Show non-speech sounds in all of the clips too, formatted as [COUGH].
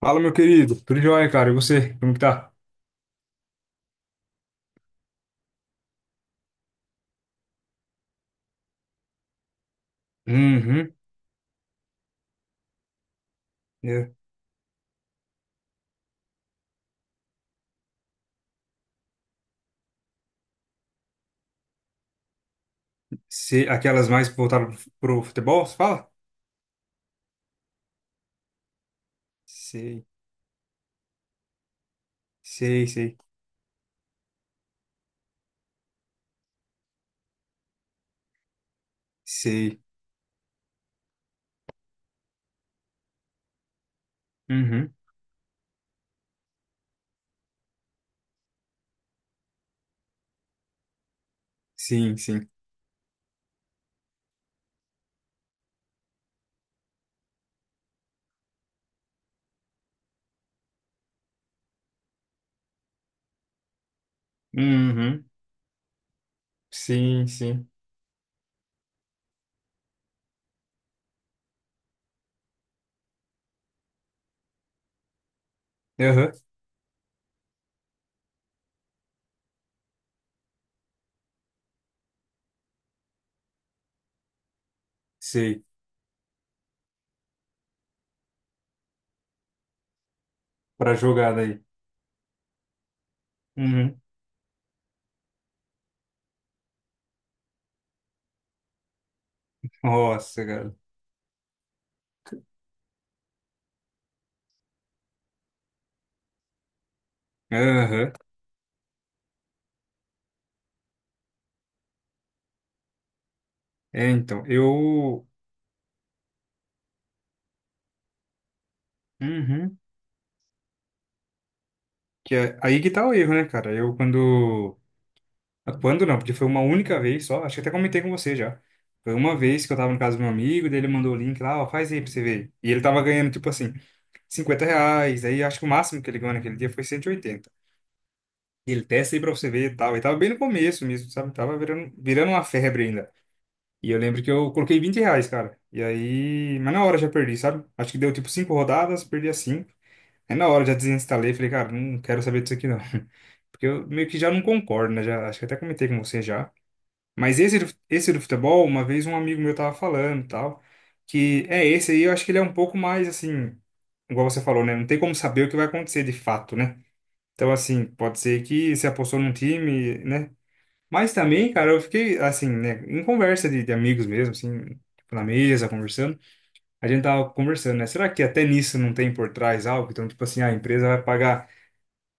Fala, meu querido. Tudo jóia, cara. E você? Como que tá? Uhum. É. Se, Aquelas mais voltaram pro futebol, você fala? Sei, sei, sei, sei. Uhum. Sim, sim. Uhum. Sim, sim. Aham. Sei. Pra jogada aí. Uhum. Nossa, cara. Aham. É, então, eu. Uhum. Aí que tá o erro, né, cara? Ah, quando não, porque foi uma única vez só. Acho que até comentei com você já. Foi uma vez que eu tava no caso do meu amigo, daí ele mandou o link lá, ó, faz aí pra você ver. E ele tava ganhando, tipo assim, R$ 50. Aí acho que o máximo que ele ganhou naquele dia foi 180. E ele testa aí pra você ver e tal. E tava bem no começo mesmo, sabe? Tava virando uma febre ainda. E eu lembro que eu coloquei R$ 20, cara. E aí, mas na hora eu já perdi, sabe? Acho que deu tipo cinco rodadas, perdi as cinco. Aí na hora eu já desinstalei, falei, cara, não quero saber disso aqui não. [LAUGHS] Porque eu meio que já não concordo, né? Já, acho que até comentei com você já. Mas esse do futebol, uma vez um amigo meu tava falando, e tal, que é esse aí, eu acho que ele é um pouco mais assim, igual você falou, né? Não tem como saber o que vai acontecer de fato, né? Então, assim, pode ser que você apostou num time, né? Mas também, cara, eu fiquei, assim, né, em conversa de amigos mesmo, assim, tipo, na mesa, conversando, a gente tava conversando, né? Será que até nisso não tem por trás algo? Então, tipo assim, a empresa vai pagar,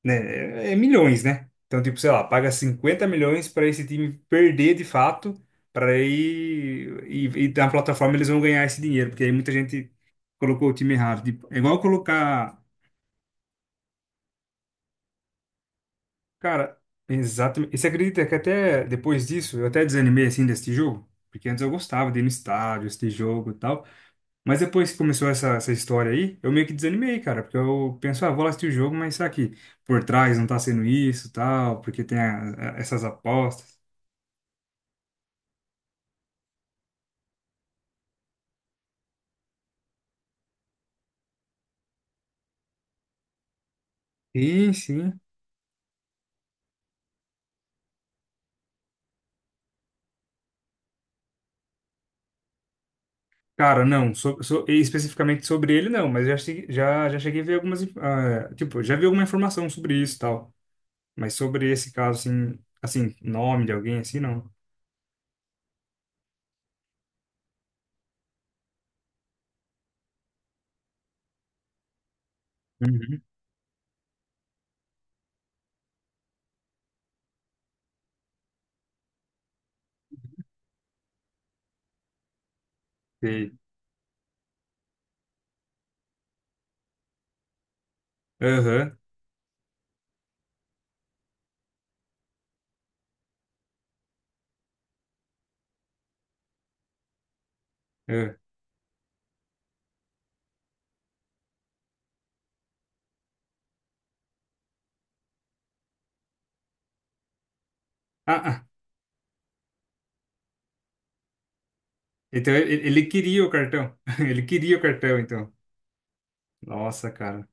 né? É, é milhões, né? Então, tipo, sei lá, paga 50 milhões para esse time perder de fato, para aí, e na plataforma eles vão ganhar esse dinheiro, porque aí muita gente colocou o time errado. Tipo, é igual colocar, cara, exatamente. E você acredita que até depois disso eu até desanimei assim desse jogo? Porque antes eu gostava de ir no estádio, assistir jogo e tal. Mas depois que começou essa história aí, eu meio que desanimei, cara. Porque eu penso, ah, vou lá assistir o jogo, mas será que por trás não tá sendo isso, tal? Porque tem essas apostas. Sim, sim. Cara, não, especificamente sobre ele, não, mas já cheguei a ver tipo, já vi alguma informação sobre isso e tal. Mas sobre esse caso, assim, assim, nome de alguém, assim, não. Uhum. Sei. Aham. Aham. Ah, ah. Então ele queria o cartão. [LAUGHS] Ele queria o cartão, então. Nossa, cara.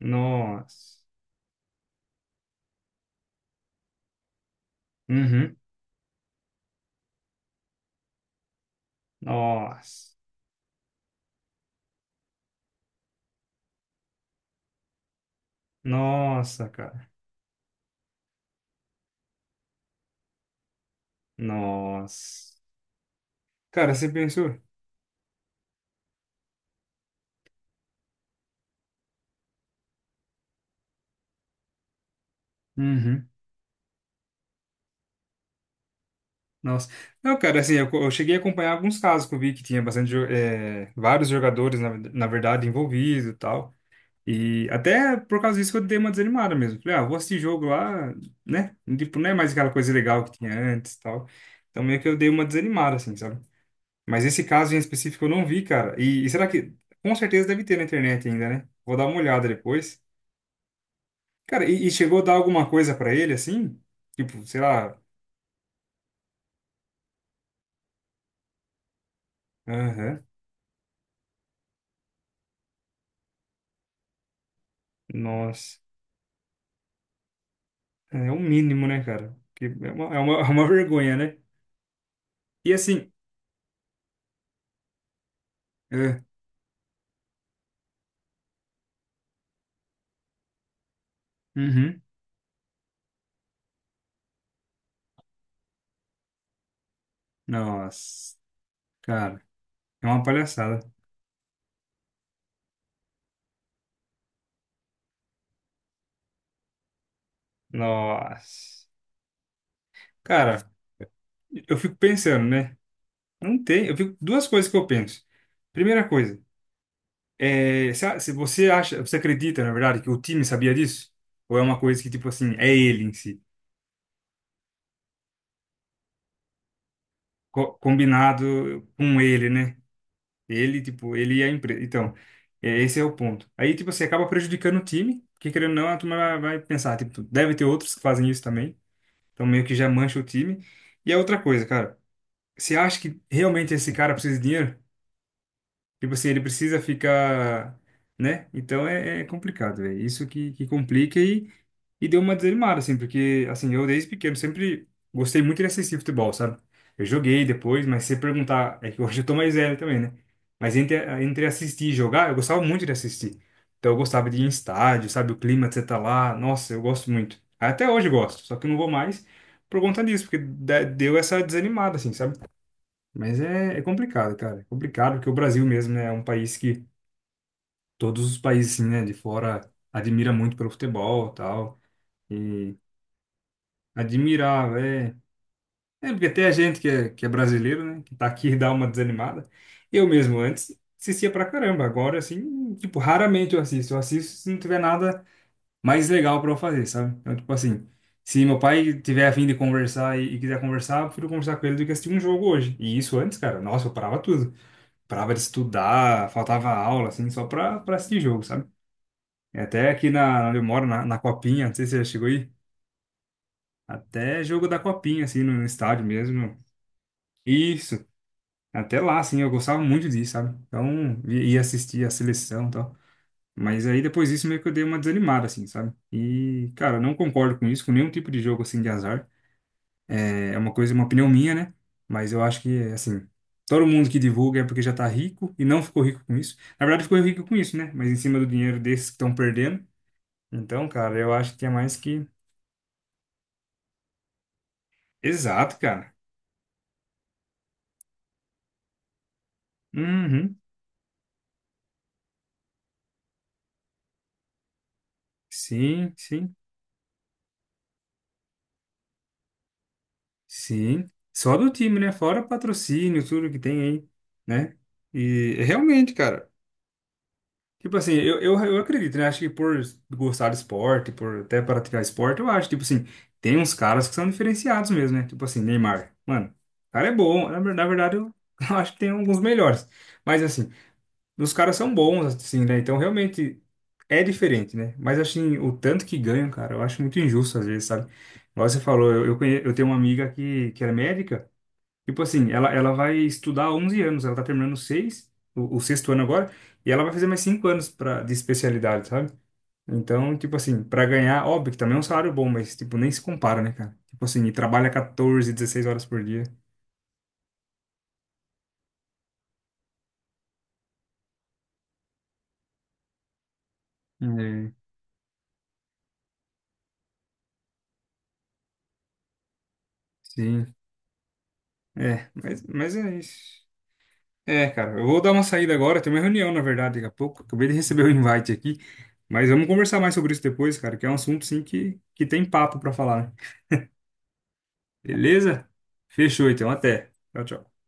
Nossa. Uhum. Nossa. Nossa, cara. Nossa. Cara, você pensou? Uhum. Nossa. Não, cara, assim, eu cheguei a acompanhar alguns casos que eu vi que tinha bastante, vários jogadores, na verdade, envolvidos e tal. E até por causa disso que eu dei uma desanimada mesmo. Falei, ah, vou assistir jogo lá, né? Tipo, não é mais aquela coisa legal que tinha antes e tal. Então meio que eu dei uma desanimada, assim, sabe? Mas esse caso em específico eu não vi, cara. E será que, com certeza deve ter na internet ainda, né? Vou dar uma olhada depois. Cara, e chegou a dar alguma coisa pra ele, assim? Tipo, sei lá. Aham. Nossa. É o mínimo, né, cara? Que é uma, [LAUGHS] é uma vergonha, né? E assim. É. Uhum. Nossa, cara, é uma palhaçada. Nossa. Cara, eu fico pensando, né? Não tem. Eu fico, duas coisas que eu penso. Primeira coisa, é, se, se você acha, você acredita, na verdade, que o time sabia disso? Ou é uma coisa que, tipo assim, é ele em si? Combinado com ele, né? Ele, tipo, ele e a empresa. Então, é, esse é o ponto. Aí, tipo, você acaba prejudicando o time, porque querendo ou não, a turma vai pensar, tipo, deve ter outros que fazem isso também. Então, meio que já mancha o time. E a outra coisa, cara, você acha que realmente esse cara precisa de dinheiro? Tipo assim, ele precisa ficar, né? Então é, é complicado, velho. Isso que complica e deu uma desanimada, assim, porque, assim, eu desde pequeno sempre gostei muito de assistir futebol, sabe? Eu joguei depois, mas se perguntar, é que [LAUGHS] hoje eu tô mais velho também, né? Mas entre assistir e jogar, eu gostava muito de assistir. Então eu gostava de ir em estádio, sabe? O clima de você tá lá, nossa, eu gosto muito. Até hoje eu gosto, só que eu não vou mais por conta disso, porque deu essa desanimada, assim, sabe? Mas é, é complicado, cara. É complicado porque o Brasil mesmo, né, é um país que todos os países, assim, né, de fora admira muito pelo futebol, e tal. E admirar, é, é porque até a gente que é brasileiro, né, que tá aqui e dá uma desanimada. Eu mesmo antes assistia pra caramba, agora assim, tipo, raramente eu assisto. Eu assisto se não tiver nada mais legal pra eu fazer, sabe? Então, tipo assim, se meu pai tiver a fim de conversar e quiser conversar, eu prefiro conversar com ele do que assistir um jogo hoje. E isso antes, cara, nossa, eu parava tudo, parava de estudar, faltava aula, assim, só pra assistir jogo, sabe? E até aqui onde eu moro, na Copinha, não sei se você já chegou aí, até jogo da Copinha, assim, no estádio mesmo. Isso, até lá, assim, eu gostava muito disso, sabe? Então, ia assistir a seleção e tal. Mas aí depois disso meio que eu dei uma desanimada, assim, sabe? E, cara, eu não concordo com isso, com nenhum tipo de jogo, assim, de azar. É uma coisa, uma opinião minha, né? Mas eu acho que, assim, todo mundo que divulga é porque já tá rico e não ficou rico com isso. Na verdade, ficou rico com isso, né? Mas em cima do dinheiro desses que estão perdendo. Então, cara, eu acho que é mais que. Exato, cara. Uhum. Sim, sim, sim. Só do time, né? Fora patrocínio, tudo que tem aí, né? E realmente, cara. Tipo assim, eu acredito, né? Acho que por gostar de esporte, por até praticar esporte, eu acho, tipo assim, tem uns caras que são diferenciados mesmo, né? Tipo assim, Neymar. Mano, o cara é bom. Na verdade, eu, [LAUGHS] eu acho que tem alguns melhores. Mas assim, os caras são bons, assim, né? Então realmente é diferente, né? Mas assim, o tanto que ganham, cara, eu acho muito injusto às vezes, sabe? Igual você falou, eu tenho uma amiga que era médica. Tipo assim, ela vai estudar 11 anos, ela tá terminando seis, o sexto ano agora, e ela vai fazer mais 5 anos pra, de especialidade, sabe? Então, tipo assim, pra ganhar, óbvio que também é um salário bom, mas, tipo, nem se compara, né, cara? Tipo assim, e trabalha 14, 16 horas por dia. É, sim, é, mas é isso. É, cara, eu vou dar uma saída agora, tem uma reunião, na verdade, daqui a pouco, acabei de receber o invite aqui, mas vamos conversar mais sobre isso depois, cara, que é um assunto, sim, que tem papo pra falar, né? Beleza? Fechou, então, até. Tchau, tchau.